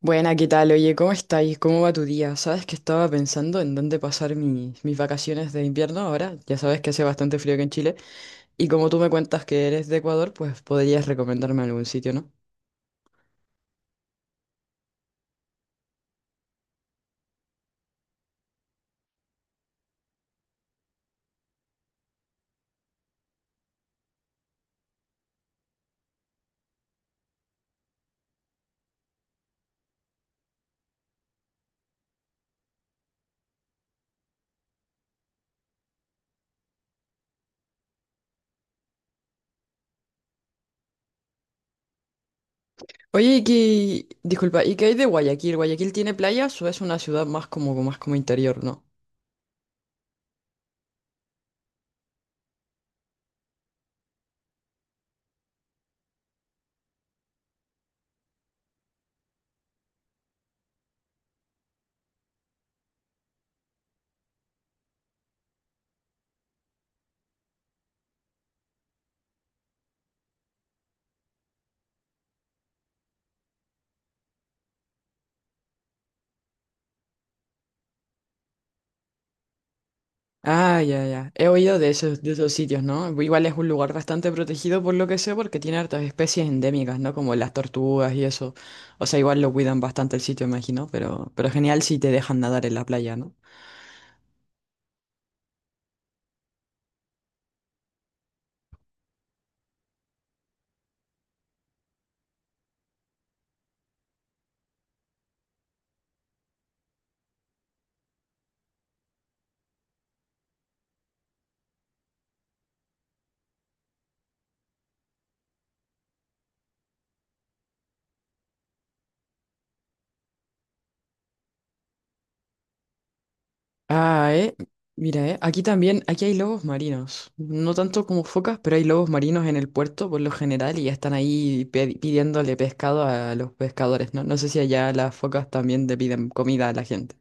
Buena, ¿qué tal? Oye, ¿cómo estáis? ¿Cómo va tu día? Sabes que estaba pensando en dónde pasar mis vacaciones de invierno ahora. Ya sabes que hace bastante frío aquí en Chile. Y como tú me cuentas que eres de Ecuador, pues podrías recomendarme algún sitio, ¿no? Oye, ¿y qué... Disculpa, ¿y qué hay de Guayaquil? ¿Guayaquil tiene playas o es una ciudad más como interior, ¿no? Ah, ya, ya. He oído de esos sitios, ¿no? Igual es un lugar bastante protegido por lo que sé, porque tiene hartas especies endémicas, ¿no? Como las tortugas y eso. O sea, igual lo cuidan bastante el sitio, imagino, pero genial si te dejan nadar en la playa, ¿no? Ah, Mira, Aquí también, aquí hay lobos marinos. No tanto como focas, pero hay lobos marinos en el puerto por lo general y ya están ahí pidiéndole pescado a los pescadores, ¿no? No sé si allá las focas también le piden comida a la gente.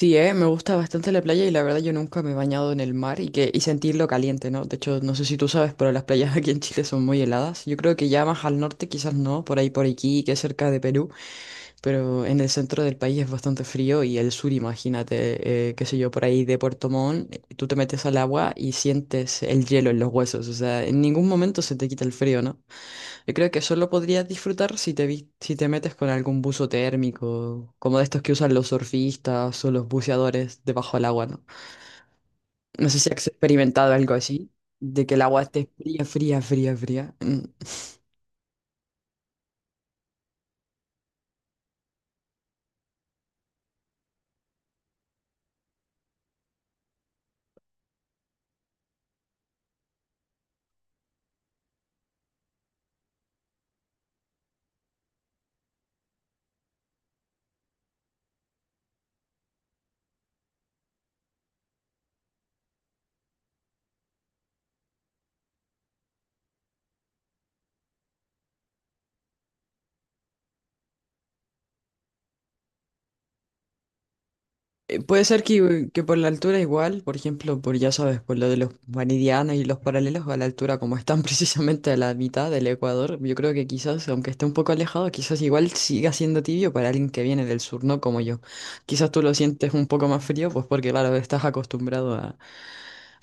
Sí, me gusta bastante la playa y la verdad yo nunca me he bañado en el mar y que y sentirlo caliente, ¿no? De hecho, no sé si tú sabes, pero las playas aquí en Chile son muy heladas. Yo creo que ya más al norte quizás no, por ahí por aquí, que es cerca de Perú, pero en el centro del país es bastante frío y el sur, imagínate, qué sé yo, por ahí de Puerto Montt, tú te metes al agua y sientes el hielo en los huesos, o sea, en ningún momento se te quita el frío, ¿no? Yo creo que solo podrías disfrutar si si te metes con algún buzo térmico, como de estos que usan los surfistas o los buceadores debajo del agua, ¿no? No sé si has experimentado algo así, de que el agua esté fría, fría, fría, fría. Mm. Puede ser que por la altura igual, por ejemplo, por ya sabes, por lo de los meridianos y los paralelos a la altura, como están precisamente a la mitad del Ecuador, yo creo que quizás, aunque esté un poco alejado, quizás igual siga siendo tibio para alguien que viene del sur, no como yo. Quizás tú lo sientes un poco más frío, pues porque claro,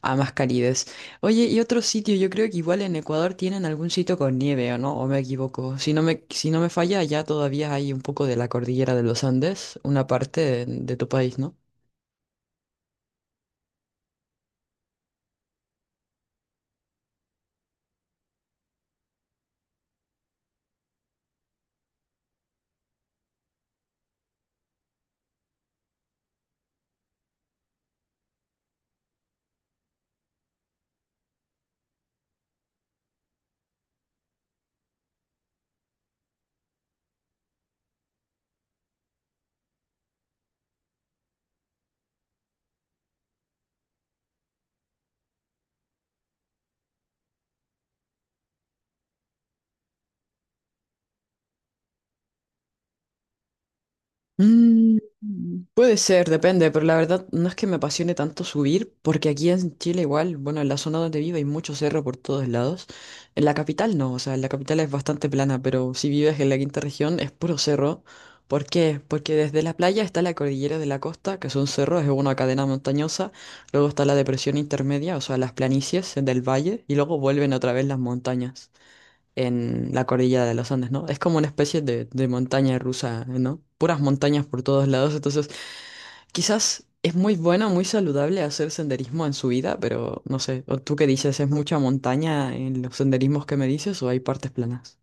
a más calidez. Oye, y otro sitio, yo creo que igual en Ecuador tienen algún sitio con nieve, ¿o no? ¿O me equivoco? Si si no me falla, allá todavía hay un poco de la cordillera de los Andes, una parte de tu país, ¿no? Mm, puede ser, depende, pero la verdad no es que me apasione tanto subir, porque aquí en Chile igual, bueno, en la zona donde vivo hay mucho cerro por todos lados. En la capital no, o sea, en la capital es bastante plana, pero si vives en la quinta región es puro cerro. ¿Por qué? Porque desde la playa está la cordillera de la costa, que son cerros, es una cadena montañosa, luego está la depresión intermedia, o sea, las planicies del valle, y luego vuelven otra vez las montañas en la cordillera de los Andes, ¿no? Es como una especie de montaña rusa, ¿no? Puras montañas por todos lados, entonces quizás es muy bueno, muy saludable hacer senderismo en su vida, pero no sé, ¿o tú qué dices? ¿Es mucha montaña en los senderismos que me dices o hay partes planas?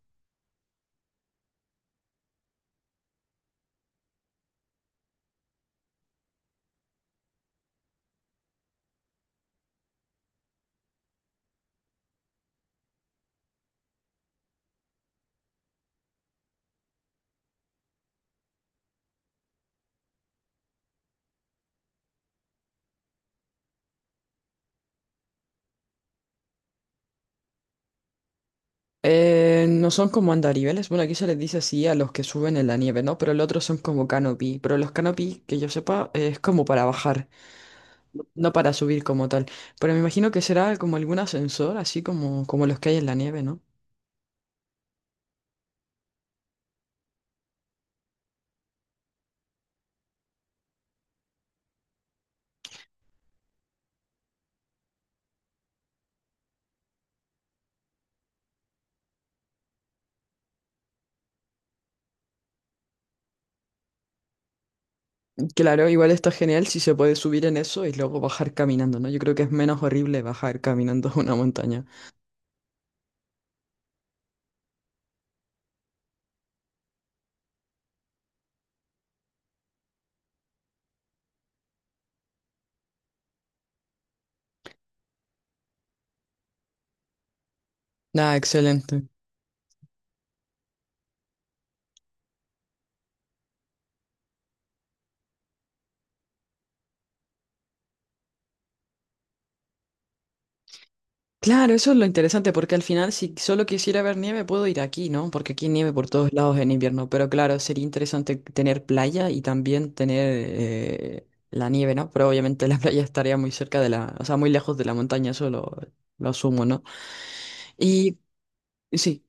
No son como andariveles, bueno, aquí se les dice así a los que suben en la nieve, ¿no? Pero el otro son como canopy, pero los canopy, que yo sepa, es como para bajar, no para subir como tal. Pero me imagino que será como algún ascensor, así como, como los que hay en la nieve, ¿no? Claro, igual está genial si se puede subir en eso y luego bajar caminando, ¿no? Yo creo que es menos horrible bajar caminando una montaña. Ah, excelente. Claro, eso es lo interesante, porque al final si solo quisiera ver nieve puedo ir aquí, ¿no? Porque aquí hay nieve por todos lados en invierno, pero claro, sería interesante tener playa y también tener la nieve, ¿no? Pero obviamente la playa estaría muy cerca de o sea, muy lejos de la montaña, lo asumo, ¿no? Y sí.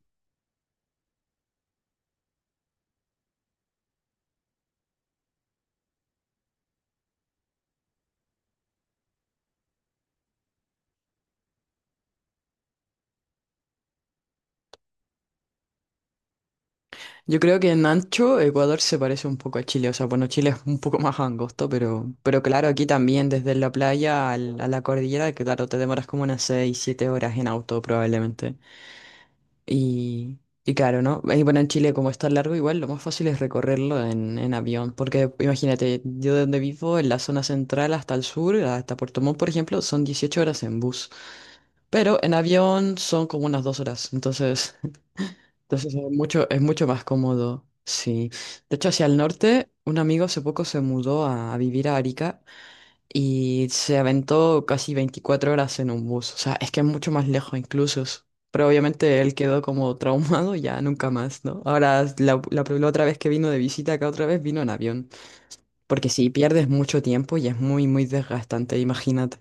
Yo creo que en ancho Ecuador se parece un poco a Chile, o sea, bueno, Chile es un poco más angosto, pero claro, aquí también desde la playa a la cordillera, que claro, te demoras como unas 6, 7 horas en auto probablemente. Y, y claro, ¿no? Y bueno, en Chile como está largo, igual lo más fácil es recorrerlo en avión, porque imagínate, yo de donde vivo, en la zona central hasta el sur, hasta Puerto Montt, por ejemplo, son 18 horas en bus, pero en avión son como unas 2 horas, entonces... Entonces es mucho más cómodo, sí. De hecho, hacia el norte, un amigo hace poco se mudó a vivir a Arica y se aventó casi 24 horas en un bus. O sea, es que es mucho más lejos incluso. Pero obviamente él quedó como traumado y ya nunca más, ¿no? Ahora, la otra vez que vino de visita acá, otra vez vino en avión. Porque si pierdes mucho tiempo y es muy, muy desgastante, imagínate.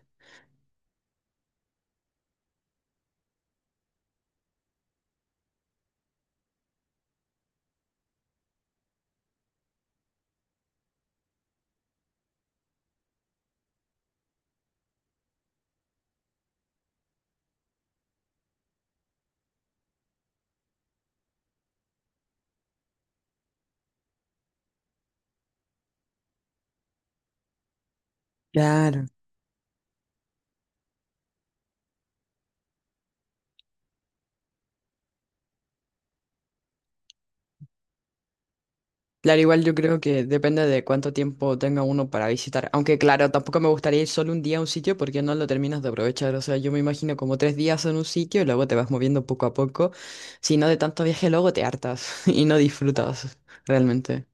Claro. Claro, igual yo creo que depende de cuánto tiempo tenga uno para visitar. Aunque claro, tampoco me gustaría ir solo un día a un sitio porque no lo terminas de aprovechar. O sea, yo me imagino como tres días en un sitio y luego te vas moviendo poco a poco. Si no de tanto viaje, luego te hartas y no disfrutas realmente.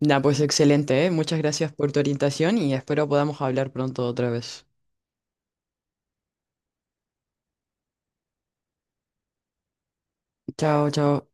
Nah, pues excelente, ¿eh? Muchas gracias por tu orientación y espero podamos hablar pronto otra vez. Chao, chao.